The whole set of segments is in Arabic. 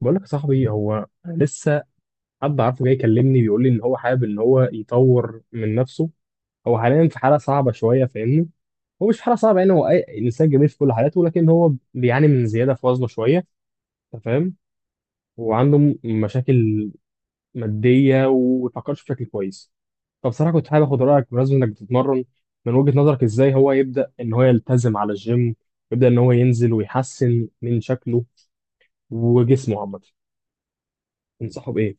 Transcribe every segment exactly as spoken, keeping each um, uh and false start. بقول لك يا صاحبي، هو لسه حد عارفه جاي يكلمني بيقول لي ان هو حابب ان هو يطور من نفسه. هو حاليا في حاله صعبه شويه، فاهمني. هو مش في حاله صعبه يعني، هو اي انسان جميل في كل حالاته، ولكن هو بيعاني من زياده في وزنه شويه. انت فاهم. وعنده م- مشاكل ماديه وما بيفكرش بشكل كويس. فبصراحه كنت حابب اخد رايك بمناسبه انك بتتمرن. من وجهه نظرك ازاي هو يبدا ان هو يلتزم على الجيم، يبدا ان هو ينزل ويحسن من شكله وجسمه عامه. تنصحه بايه؟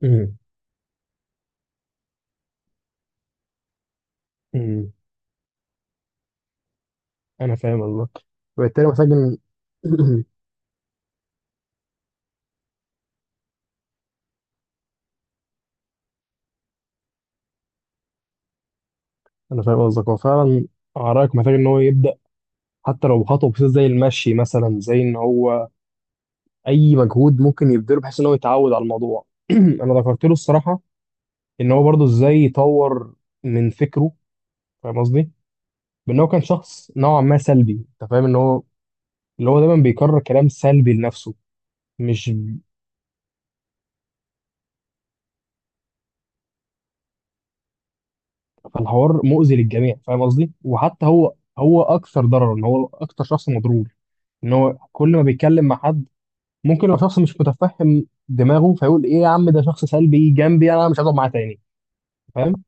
امم انا فاهم قصدك. وبالتالي محتاج ان انا فاهم قصدك، هو فعلا عراك محتاج ان هو يبدا حتى لو بخطوه بسيطه زي المشي مثلا، زي ان هو اي مجهود ممكن يبذله بحيث ان هو يتعود على الموضوع. انا ذكرت له الصراحه ان هو برضه ازاي يطور من فكره، فاهم قصدي، بان هو كان شخص نوعا ما سلبي. انت فاهم ان هو اللي هو دايما بيكرر كلام سلبي لنفسه. مش فالحوار مؤذي للجميع، فاهم قصدي، وحتى هو هو اكثر ضررا، هو اكثر شخص مضروب ان هو كل ما بيتكلم مع حد ممكن لو شخص مش متفهم دماغه فيقول ايه يا عم، ده شخص سلبي جنبي، انا مش هقعد معاه تاني. فاهم.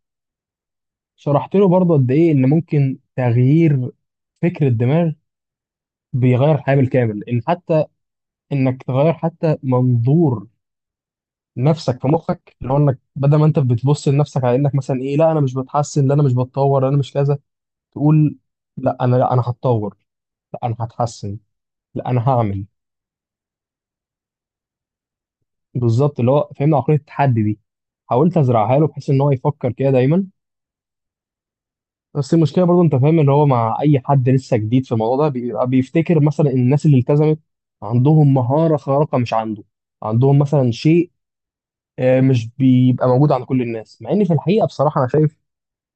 شرحت له برضه قد ايه ان ممكن تغيير فكر الدماغ بيغير الحياه بالكامل، ان حتى انك تغير حتى منظور نفسك في مخك، اللي هو انك بدل ما انت بتبص لنفسك على انك مثلا ايه، لا انا مش بتحسن، لا انا مش بتطور، لا انا مش كذا، تقول لا انا لا انا هتطور، لا انا هتحسن، لا انا هعمل. بالظبط، اللي هو فهمنا عقليه التحدي دي، حاولت ازرعها له بحيث ان هو يفكر كده دايما. بس المشكله برضو، انت فاهم، ان هو مع اي حد لسه جديد في الموضوع ده بيبقى بيفتكر مثلا الناس اللي التزمت عندهم مهاره خارقه مش عنده، عندهم مثلا شيء آه، مش بيبقى موجود عند كل الناس، مع ان في الحقيقه بصراحه انا شايف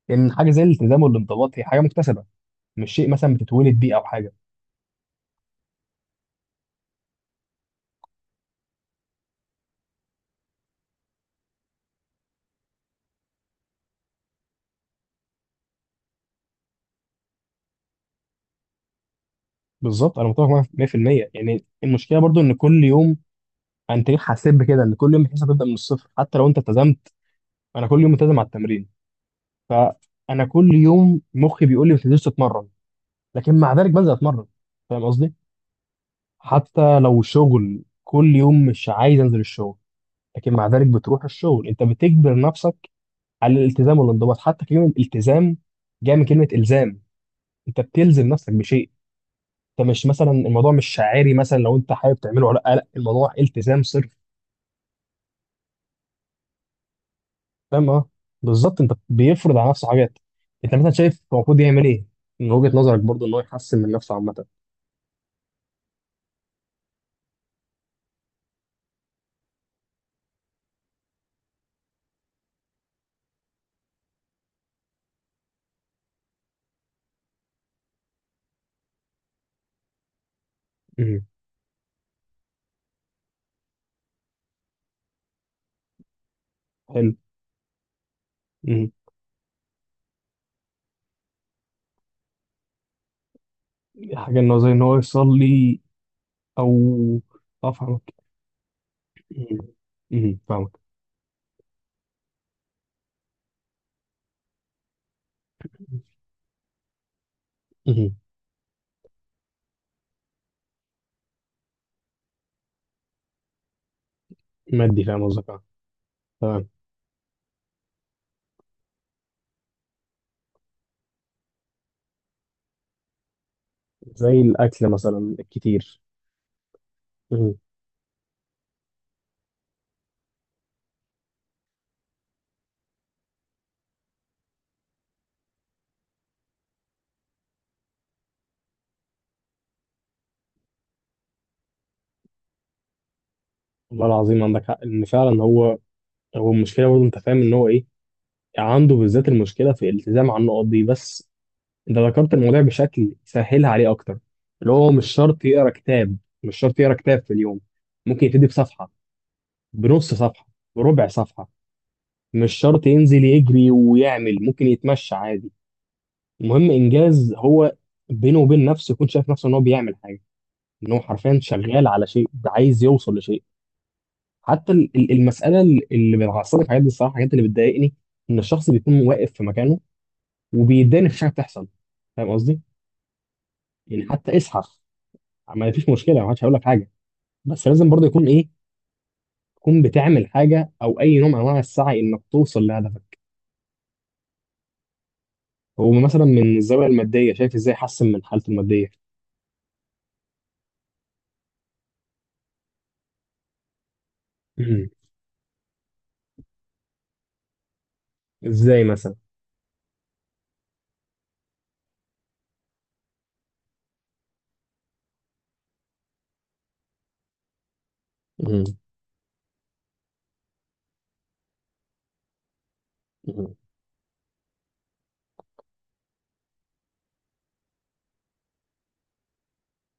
ان حاجه زي الالتزام والانضباط هي حاجه مكتسبه، مش شيء مثلا بتتولد بيه او حاجه. بالظبط، انا متفق معاك مية بالمية. يعني المشكله برضو ان كل يوم، انت ليه حاسب كده ان كل يوم بتحس هتبدا من الصفر حتى لو انت التزمت؟ انا كل يوم ملتزم على التمرين، فانا كل يوم مخي بيقول لي ما تنزلش تتمرن، لكن مع ذلك بنزل اتمرن. فاهم قصدي. حتى لو شغل كل يوم مش عايز انزل الشغل، لكن مع ذلك بتروح الشغل، انت بتجبر نفسك على الالتزام والانضباط. حتى كلمه التزام جايه من كلمه الزام، انت بتلزم نفسك بشيء. انت مش مثلا، الموضوع مش شعاري مثلا لو انت حابب تعمله ولا لا، لا، الموضوع التزام صرف. فاهم، اه، بالظبط، انت بيفرض على نفسه حاجات. انت مثلا شايف هو المفروض يعمل ايه من وجهة نظرك برضو، ان هو يحسن من نفسه عامه؟ مم. حلو. حاجة إن هو زي إن هو يصلي أو. أه فاهمك. مم. مم. فاهمك. مم. مادي، فاهم قصدك، أه. تمام. زي الأكل مثلا الكتير. مم. والله العظيم عندك حق. إن فعلا هو، هو المشكلة برضه، أنت فاهم إن هو إيه، عنده بالذات المشكلة في الالتزام على النقط دي بس. أنت ذكرت الموضوع بشكل سهلها عليه أكتر، اللي هو مش شرط يقرا كتاب، مش شرط يقرا كتاب في اليوم، ممكن يبتدي بصفحة، بنص صفحة، بربع صفحة. مش شرط ينزل يجري ويعمل، ممكن يتمشى عادي. المهم انجاز، هو بينه وبين نفسه يكون شايف نفسه ان هو بيعمل حاجه، ان هو حرفيا شغال على شيء عايز يوصل لشيء. حتى ال- ال- المساله اللي بتعصبني في الحاجات دي الصراحه، الحاجات اللي بتضايقني ان الشخص بيكون واقف في مكانه وبيتضايق إن مفيش حاجه بتحصل. فاهم قصدي. يعني حتى اسحف، ما فيش مشكله، ما حدش هيقول لك حاجه، بس لازم برضه يكون ايه، تكون بتعمل حاجه او اي نوع من انواع السعي انك توصل لهدفك. هو مثلا من الزاويه الماديه شايف ازاي يحسن من حالته الماديه؟ مم. ازاي مثلا؟ مم.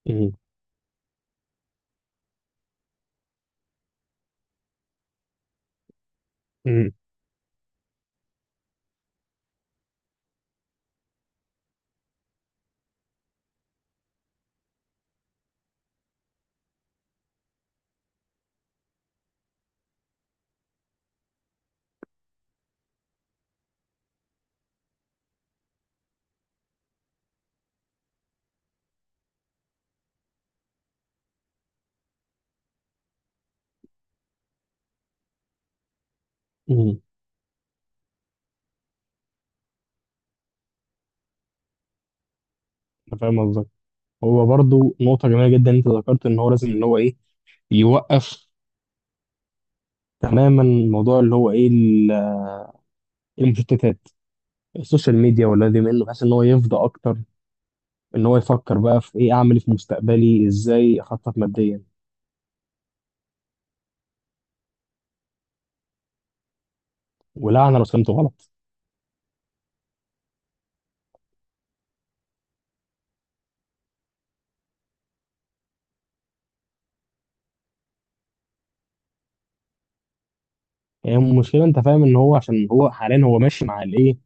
مم. مم. امم انا فاهم قصدك. هو برضو نقطة جميلة جدا، انت ذكرت ان هو لازم ان هو ايه، يوقف تماما موضوع اللي هو ايه ال- المشتتات، السوشيال ميديا ولا دي منه، بحيث ان هو يفضى اكتر، ان هو يفكر بقى في ايه اعمل إيه في مستقبلي، ازاي اخطط ماديا. ولعنة لو فهمته غلط. يعني المشكلة، انت فاهم ان هو، عشان هو حاليا هو ماشي مع الايه،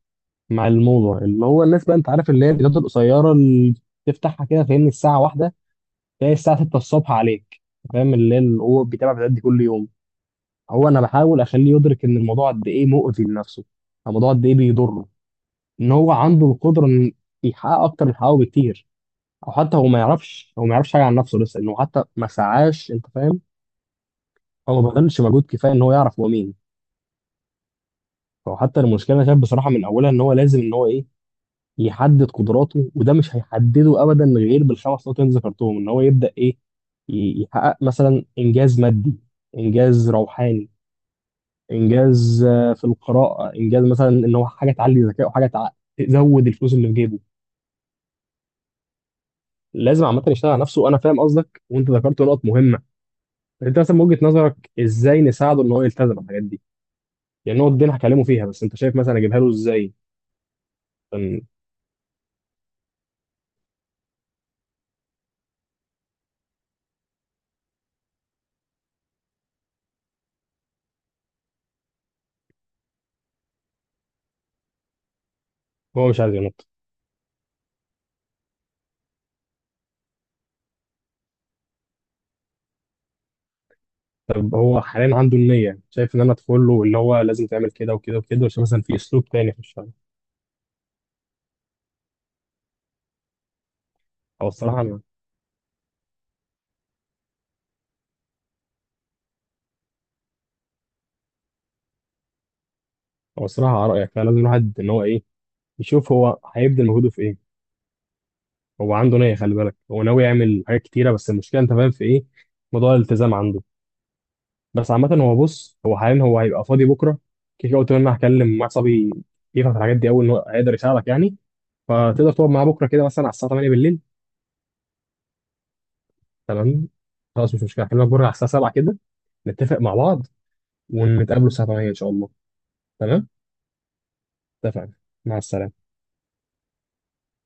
مع الموضة، اللي هو الناس بقى، انت عارف، اللي هي الفيديوهات القصيرة اللي تفتحها كده، فاهمني، الساعة واحدة تلاقي الساعة ستة الصبح عليك. فاهم؟ اللي هو بيتابع الفيديوهات دي كل يوم. هو انا بحاول اخليه يدرك ان الموضوع قد ايه مؤذي لنفسه، الموضوع قد ايه بيضره، ان هو عنده القدره ان يحقق اكتر من حققه بكتير. او حتى هو ما يعرفش، هو ما يعرفش حاجه عن نفسه لسه، انه حتى ما سعاش، انت فاهم، هو ما بذلش مجهود كفايه ان هو يعرف هو مين. فهو حتى المشكله انا شايف بصراحه من اولها ان هو لازم ان هو ايه، يحدد قدراته. وده مش هيحدده ابدا غير بالخمس نقط اللي أنت ذكرتهم، ان هو يبدا ايه، ي- يحقق مثلا انجاز مادي، انجاز روحاني، انجاز آه، في القراءه، انجاز مثلا ان هو حاجه تعلي ذكائه وحاجه تع... تزود الفلوس اللي في جيبه. لازم عامه يشتغل على نفسه، وانا فاهم قصدك، وانت ذكرت نقط مهمه. انت مثلا من وجهه نظرك ازاي نساعده ان هو يلتزم الحاجات دي؟ يعني النقط دي انا هكلمه فيها، بس انت شايف مثلا اجيبها له ازاي عشان هو مش عايز ينط؟ طب هو حاليا عنده النيه، شايف ان انا ادخل له اللي هو لازم تعمل كده وكده وكده، عشان مثلا في اسلوب تاني في الشغل؟ او الصراحه انا، او الصراحه على رايك، فلازم الواحد ان هو ايه، يشوف هو هيبذل مجهوده في ايه. هو عنده نية، خلي بالك، هو ناوي يعمل حاجات كتيرة، بس المشكلة انت فاهم في ايه، موضوع الالتزام عنده. بس عامة هو بص، هو حاليا هو هيبقى فاضي بكرة، كده كده قلت له ان انا هكلم مع صبي يفهم في الحاجات دي اول ان هو هيقدر يساعدك يعني. فتقدر تقعد معاه بكرة كده مثلا على الساعة تمانية بالليل؟ تمام. خلاص مش مشكلة، هكلمك بكرة على الساعة سبعة كده، نتفق مع بعض، ونتقابلوا الساعة تمانية ان شاء الله. تمام. اتفقنا. مع السلامة.